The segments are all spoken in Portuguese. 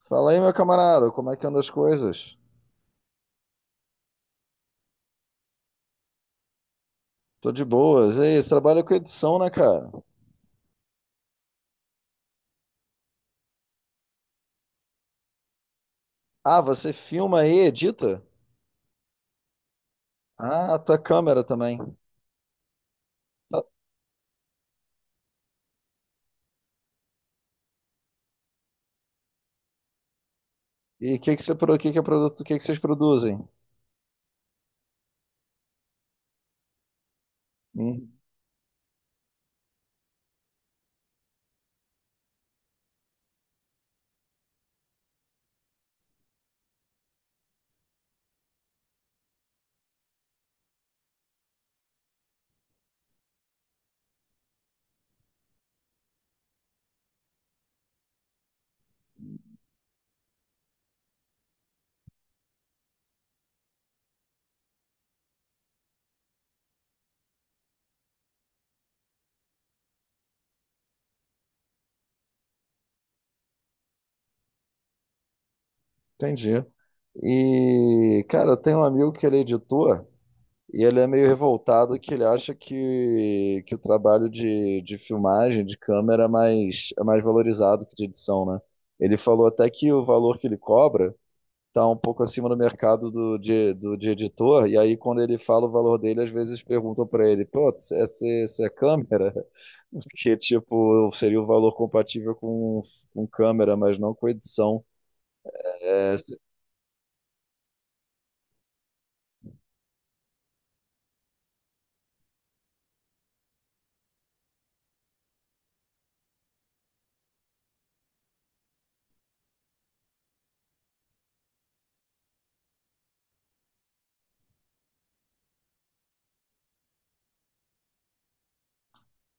Fala aí, meu camarada, como é que andam as coisas? Tô de boas. Ei, você trabalha com edição, né, cara? Ah, você filma e edita? Ah, a tua câmera também. Tá. E o que que você, pro- Que vocês produzem? Hum, entendi. E, cara, eu tenho um amigo que ele é editor e ele é meio revoltado que ele acha que o trabalho de filmagem, de câmera, é mais valorizado que de edição, né? Ele falou até que o valor que ele cobra está um pouco acima do mercado de editor, e aí quando ele fala o valor dele, às vezes perguntam para ele, pô, essa é câmera? Que, tipo, seria o valor compatível com câmera, mas não com edição. É,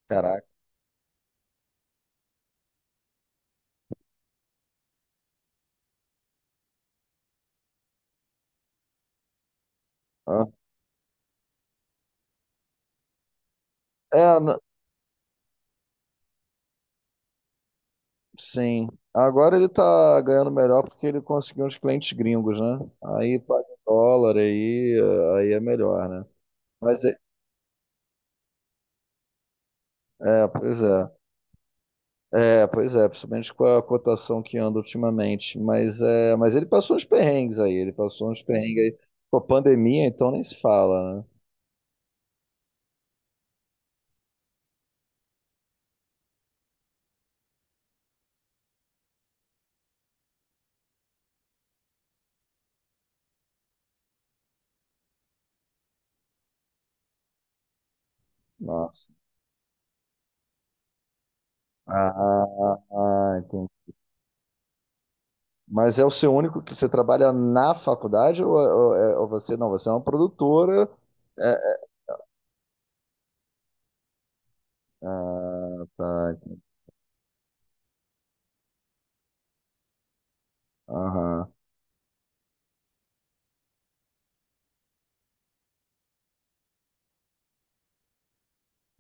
caraca. Hã? É, sim. Agora ele tá ganhando melhor porque ele conseguiu uns clientes gringos, né? Aí paga em dólar, aí é melhor, né? Mas, pois é. É, pois é, principalmente com a cotação que anda ultimamente. Mas ele passou uns perrengues aí, ele passou uns perrengues aí. Com a pandemia, então nem se fala, né? Nossa. Ah, ah, ah, ah, entendi. Mas é o seu único que você trabalha na faculdade ou você não? Você é uma produtora. é- ah, tá. Aham,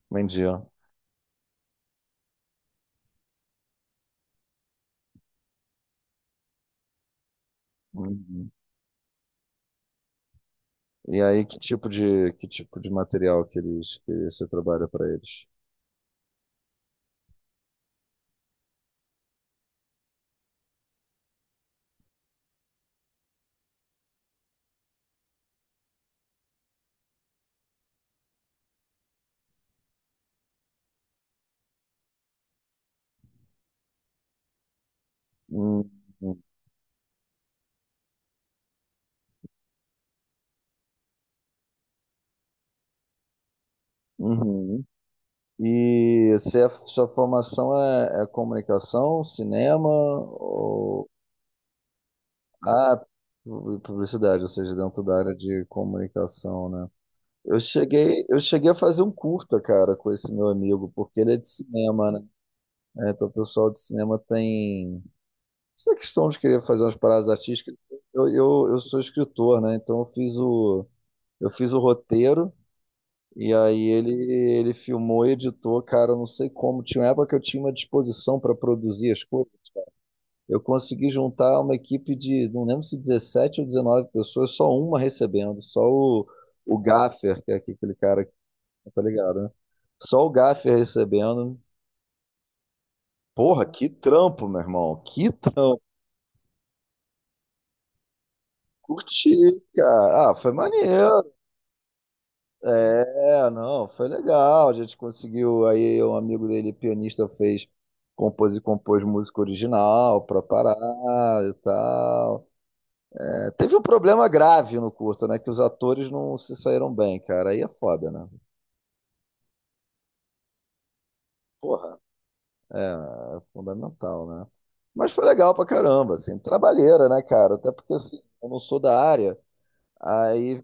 entendi. Ó. Uhum. E aí, que tipo de material que você trabalha para eles? Uhum. Uhum, e se a sua formação é comunicação, cinema ou ah, publicidade, ou seja, dentro da área de comunicação, né? Eu cheguei a fazer um curta, cara, com esse meu amigo, porque ele é de cinema, né? É, então o pessoal de cinema tem essa questão de querer fazer umas paradas artísticas. Eu sou escritor, né? Então eu fiz o roteiro. E aí ele filmou, editou, cara, eu não sei como. Tinha uma época que eu tinha uma disposição para produzir as coisas. Eu consegui juntar uma equipe de, não lembro se 17 ou 19 pessoas, só uma recebendo, só o Gaffer, que é aquele cara que tá ligado, né? Só o Gaffer recebendo. Porra, que trampo, meu irmão. Que trampo. Curti, cara. Ah, foi maneiro. É, não, foi legal. A gente conseguiu. Aí um amigo dele, pianista, compôs e compôs música original pra parar e tal. É, teve um problema grave no curto, né? Que os atores não se saíram bem, cara. Aí é foda, né? Porra, é, é fundamental, né? Mas foi legal pra caramba, assim, trabalheira, né, cara? Até porque assim, eu não sou da área. Aí.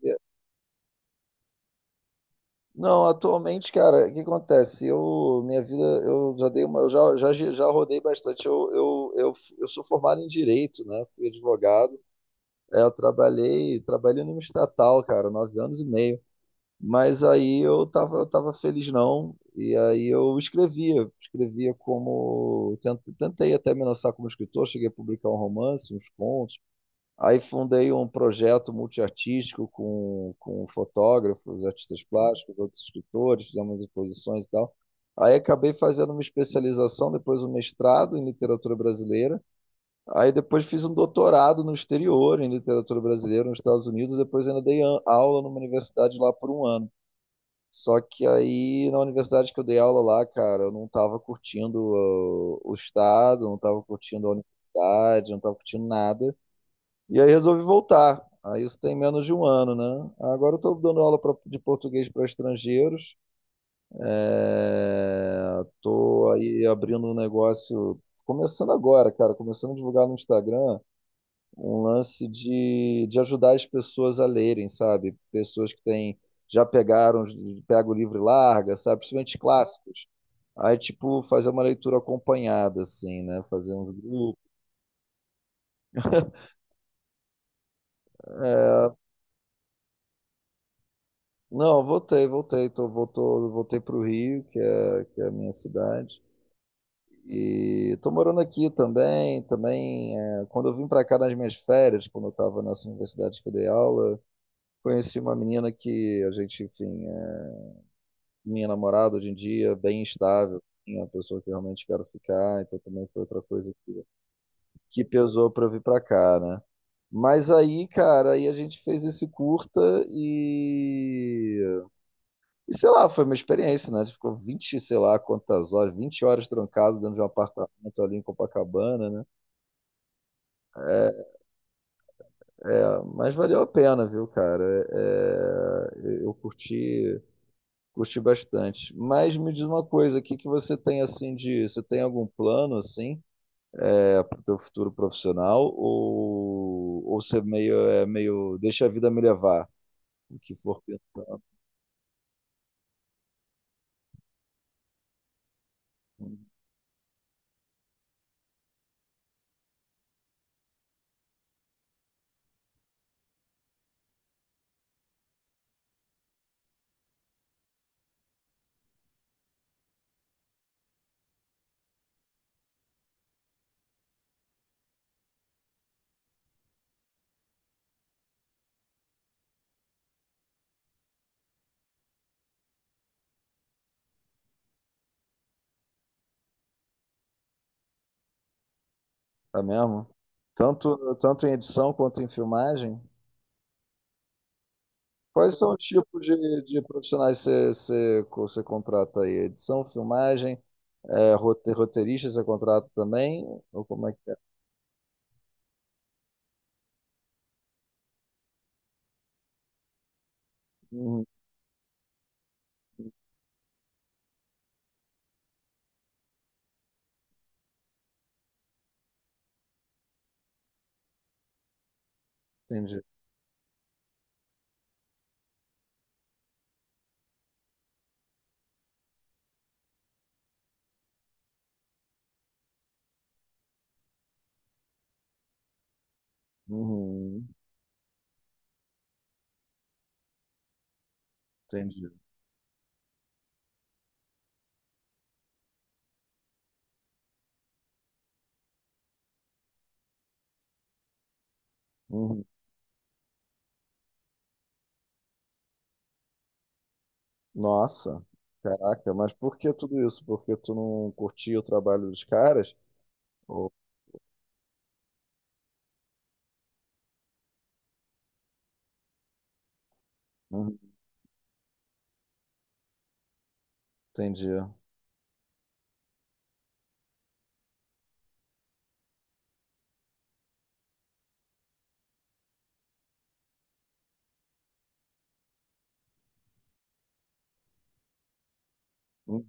Não, atualmente, cara, o que acontece? Eu, minha vida, eu já dei uma, eu já rodei bastante. Eu sou formado em direito, né? Fui advogado. É, eu trabalhei numa estatal, cara, 9 anos e meio. Mas aí eu tava feliz não. E aí eu escrevia como tentei até me lançar como escritor, cheguei a publicar um romance, uns contos. Aí fundei um projeto multiartístico com fotógrafos, artistas plásticos, outros escritores, fizemos exposições e tal. Aí acabei fazendo uma especialização, depois um mestrado em literatura brasileira. Aí depois fiz um doutorado no exterior em literatura brasileira nos Estados Unidos. Depois ainda dei aula numa universidade lá por um ano. Só que aí na universidade que eu dei aula lá, cara, eu não estava curtindo o estado, não estava curtindo a universidade, não estava curtindo nada. E aí resolvi voltar. Aí isso tem menos de um ano, né? Agora eu estou dando aula de português para estrangeiros. Estou aí abrindo um negócio, começando agora, cara, começando a divulgar no Instagram um lance de ajudar as pessoas a lerem, sabe? Pessoas que têm, já pegaram, pega o livro e larga, sabe? Principalmente clássicos. Aí, tipo, fazer uma leitura acompanhada, assim, né? Fazer um grupo. Não, voltei, voltei. Voltei para o Rio, que é a minha cidade. E tô morando aqui também. Também, quando eu vim para cá nas minhas férias, quando eu estava nessa universidade que eu dei aula, conheci uma menina que a gente, enfim, é minha namorada hoje em dia, bem estável, assim, é uma pessoa que eu realmente quero ficar. Então também foi outra coisa que pesou para vir para cá, né? Mas aí, cara, aí a gente fez esse curta. e E sei lá, foi uma experiência, né? Você ficou 20 sei lá quantas horas, 20 horas trancado dentro de um apartamento ali em Copacabana, né? É, mas valeu a pena, viu, cara? É, eu curti bastante. Mas me diz uma coisa, o que que você tem assim você tem algum plano assim, pro teu futuro profissional ou você é meio deixa a vida me levar, o que for. Tá mesmo? Tanto em edição quanto em filmagem? Quais são os tipos de profissionais você contrata aí? Edição, filmagem, roteirista você contrata também? Ou como é que é? Uhum, entendi. Uhum, entendi. Uhum. Nossa, caraca, mas por que tudo isso? Porque tu não curtia o trabalho dos caras? Ou- Uhum, entendi. Uhum,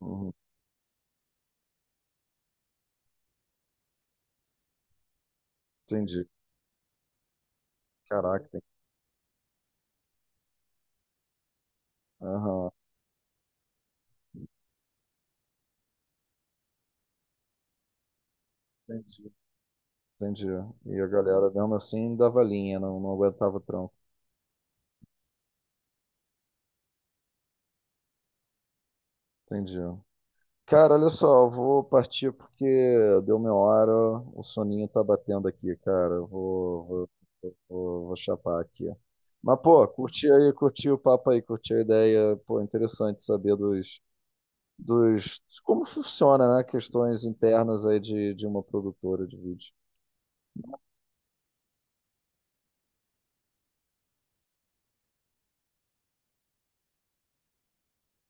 uhum, entendi. Caraca, tem. Aham, entendi, entendi. E a galera mesmo assim dava linha, não aguentava o tranco. Entendi. Cara, olha só, eu vou partir porque deu minha hora, o soninho tá batendo aqui, cara. Eu vou chapar aqui. Mas, pô, curti aí, curti o papo aí, curti a ideia. Pô, interessante saber de como funciona, né? Questões internas aí de uma produtora de vídeo.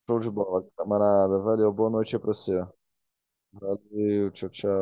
Show de bola, camarada. Valeu, boa noite aí pra você. Valeu, tchau, tchau.